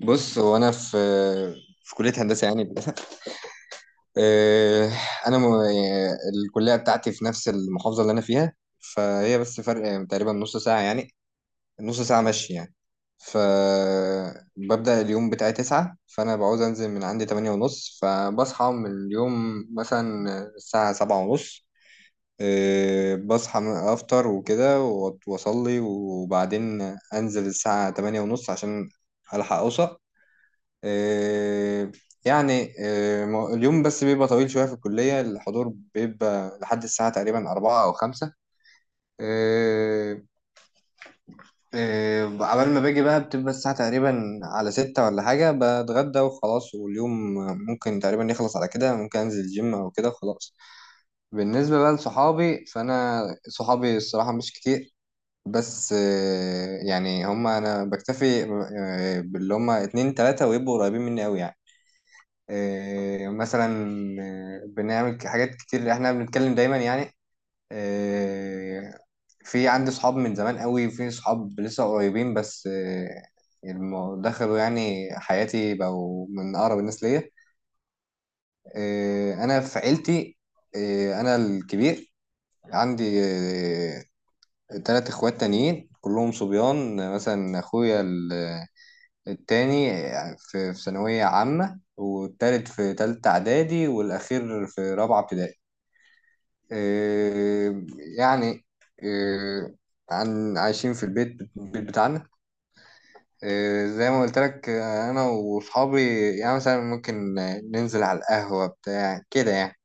بص. هو انا في كليه هندسه يعني. آه، انا يعني الكليه بتاعتي في نفس المحافظه اللي انا فيها. فهي بس فرق تقريبا نص ساعه يعني، نص ساعه مشي يعني. فببدأ اليوم بتاعي 9، فأنا بعوز أنزل من عندي 8:30، فبصحى من اليوم مثلا الساعة 7:30. أفطر وكده وأصلي وبعدين أنزل الساعة 8:30 عشان ألحق أوصل. آه، اليوم بس بيبقى طويل شوية في الكلية، الحضور بيبقى لحد الساعة تقريبا 4 أو 5. آه، عبال ما باجي بقى بتبقى الساعة تقريبا على 6 ولا حاجة، بتغدى وخلاص، واليوم ممكن تقريبا يخلص على كده، ممكن أنزل الجيم أو كده وخلاص. بالنسبة بقى لصحابي، فأنا صحابي الصراحة مش كتير. بس يعني هما أنا بكتفي باللي هما اتنين تلاتة، ويبقوا قريبين مني أوي يعني. آه، مثلا آه، بنعمل حاجات كتير، احنا بنتكلم دايما يعني. آه، في عندي صحاب من زمان قوي، في صحاب لسه قريبين، بس دخلوا يعني حياتي، بقوا من اقرب الناس ليا. انا في عيلتي انا الكبير. عندي 3 اخوات تانيين كلهم صبيان. مثلا التاني في ثانوية عامة، والتالت في تالتة اعدادي، والاخير في رابعة ابتدائي. آه، يعني آه، عن عايشين في البيت، البيت بتاعنا. زي ما قلت لك انا واصحابي يعني مثلا ممكن ننزل على القهوة بتاع كده يعني.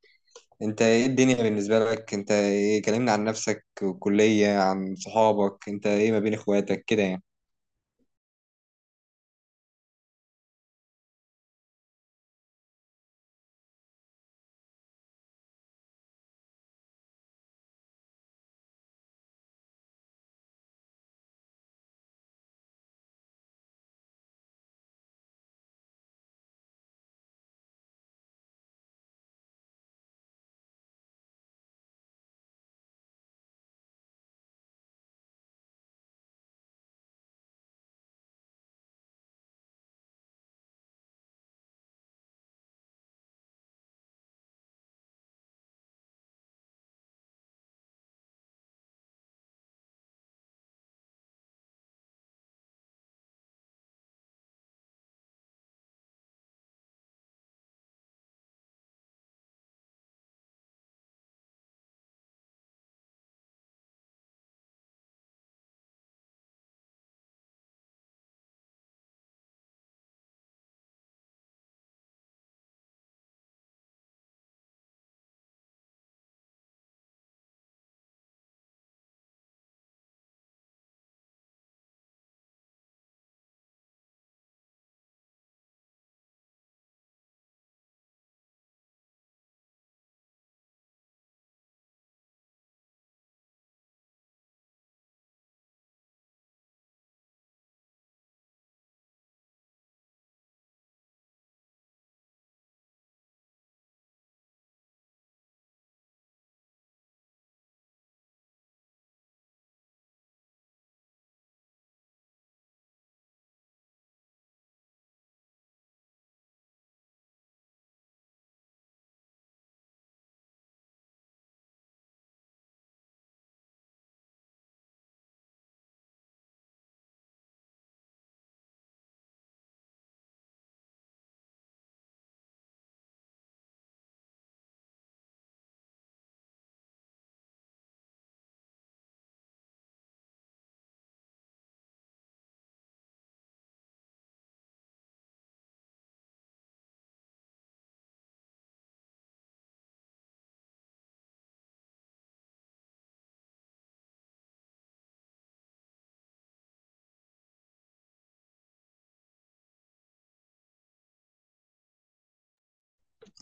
انت ايه الدنيا بالنسبة لك؟ انت ايه؟ كلمنا عن نفسك والكلية، عن صحابك، انت ايه ما بين اخواتك كده يعني؟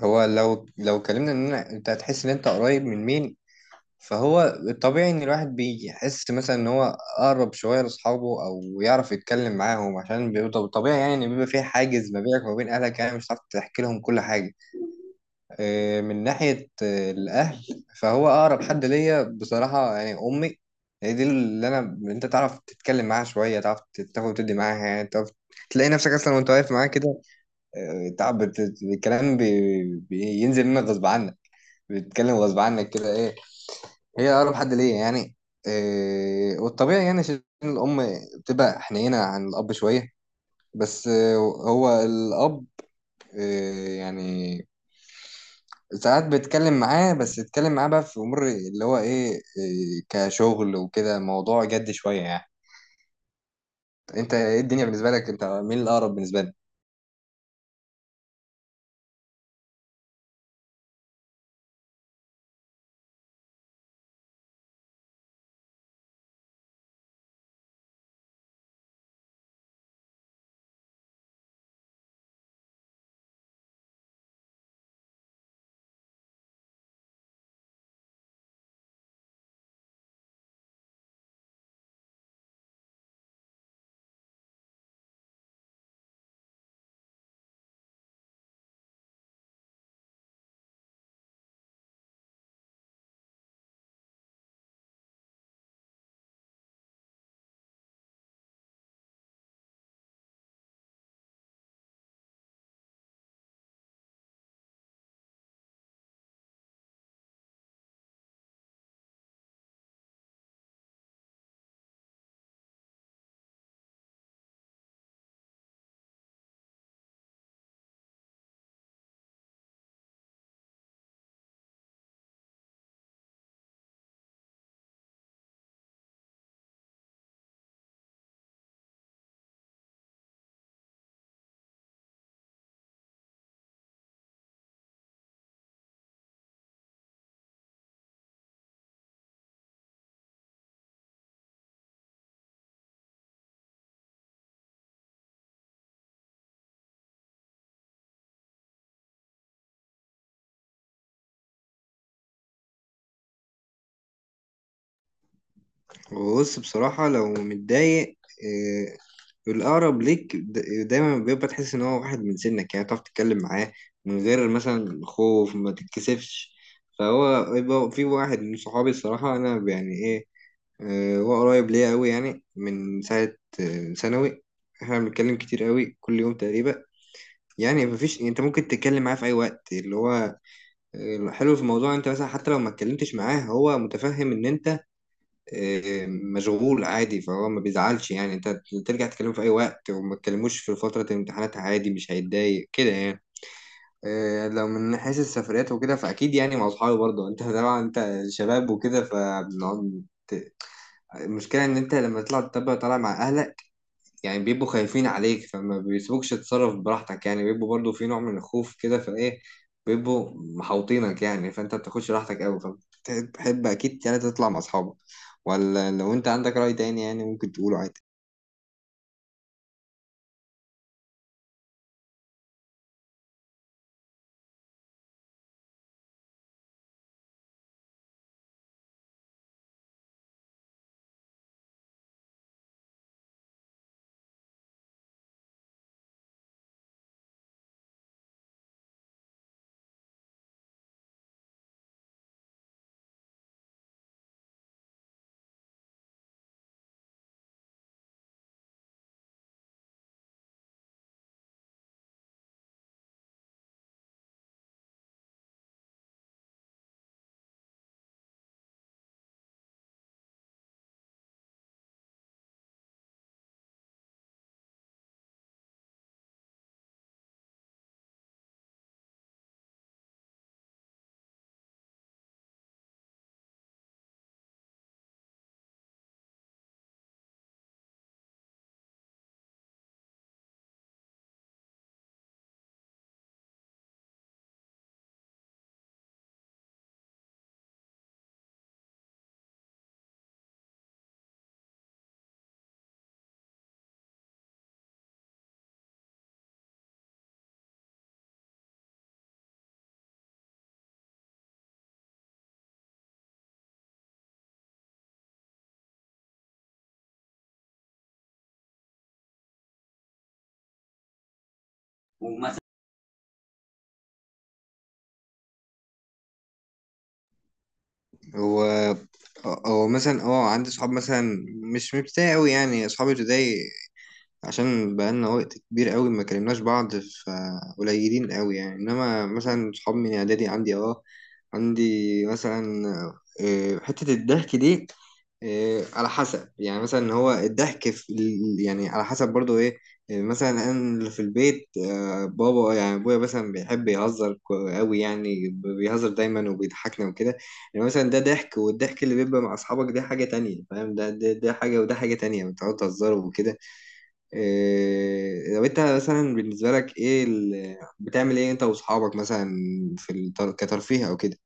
هو لو كلمنا ان انت هتحس ان انت قريب من مين. فهو الطبيعي ان الواحد بيحس مثلا ان هو اقرب شويه لاصحابه او يعرف يتكلم معاهم، عشان بيبقى طبيعي يعني ان بيبقى في حاجز ما بينك وما بين اهلك، يعني مش هتعرف تحكي لهم كل حاجه. من ناحيه الاهل، فهو اقرب حد ليا بصراحه يعني امي. هي دي اللي انا، انت تعرف تتكلم معاها شويه، تعرف تاخد وتدي معاها يعني، تعرف تلاقي نفسك اصلا وانت واقف معاها كده. تعب الكلام بينزل منك غصب عنك، بتتكلم غصب عنك كده. ايه، هي أقرب حد ليا يعني. إيه، والطبيعي يعني عشان الأم بتبقى حنينة عن الأب شوية. بس هو الأب إيه يعني، ساعات بتكلم معاه، بس تتكلم معاه بقى في أمور اللي هو إيه كشغل وكده، موضوع جد شوية يعني. أنت إيه الدنيا بالنسبة لك؟ أنت مين الأقرب بالنسبة لك؟ بص، بصراحة لو متضايق، الأقرب ليك دايما بيبقى تحس إن هو واحد من سنك، يعني تعرف تتكلم معاه من غير مثلا خوف، ما تتكسفش. فهو يبقى في واحد من صحابي الصراحة، أنا يعني إيه، هو قريب ليا أوي يعني، من ساعة ثانوي. إحنا بنتكلم كتير أوي كل يوم تقريبا، يعني مفيش، أنت ممكن تتكلم معاه في أي وقت اللي هو، الحلو في الموضوع أنت مثلا حتى لو ما اتكلمتش معاه هو متفهم إن أنت مشغول عادي، فهو ما بيزعلش يعني، انت ترجع تكلمه في اي وقت، وما تكلموش في فترة الامتحانات عادي، مش هيتضايق كده يعني. لو من حيث السفريات وكده، فاكيد يعني مع اصحابي برضه، انت طبعا انت شباب وكده فبنقعد. المشكلة إن أنت لما تطلع تبقى طالع مع أهلك يعني، بيبقوا خايفين عليك فما بيسيبوكش تتصرف براحتك، يعني بيبقوا برضو في نوع من الخوف كده، فايه بيبقوا محوطينك يعني، فانت بتاخدش راحتك قوي. فبتحب اكيد يعني تطلع مع اصحابك. ولا لو انت عندك رأي تاني يعني ممكن تقوله عادي. ومثلا هو هو مثلا اه عندي صحاب مثلا، مش من ابتدائي قوي، يعني اصحابي ابتدائي عشان بقالنا وقت كبير قوي ما كلمناش بعض، فقليلين قوي يعني. انما مثلا صحاب من اعدادي عندي، اه عندي مثلا. حتة الضحك دي على حسب يعني، مثلا هو الضحك في يعني على حسب برضو ايه. مثلا انا اللي في البيت بابا يعني ابويا مثلا بيحب يهزر قوي يعني، بيهزر دايما وبيضحكنا وكده. يعني مثلا ده ضحك، والضحك اللي بيبقى مع اصحابك ده حاجة تانية، فاهم؟ ده حاجة وده حاجة تانية، بتقعدوا تهزروا وكده. لو انت مثلا بالنسبة لك ايه بتعمل ايه انت واصحابك مثلا في كترفيه او كده؟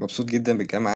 مبسوط جدا بالكلام.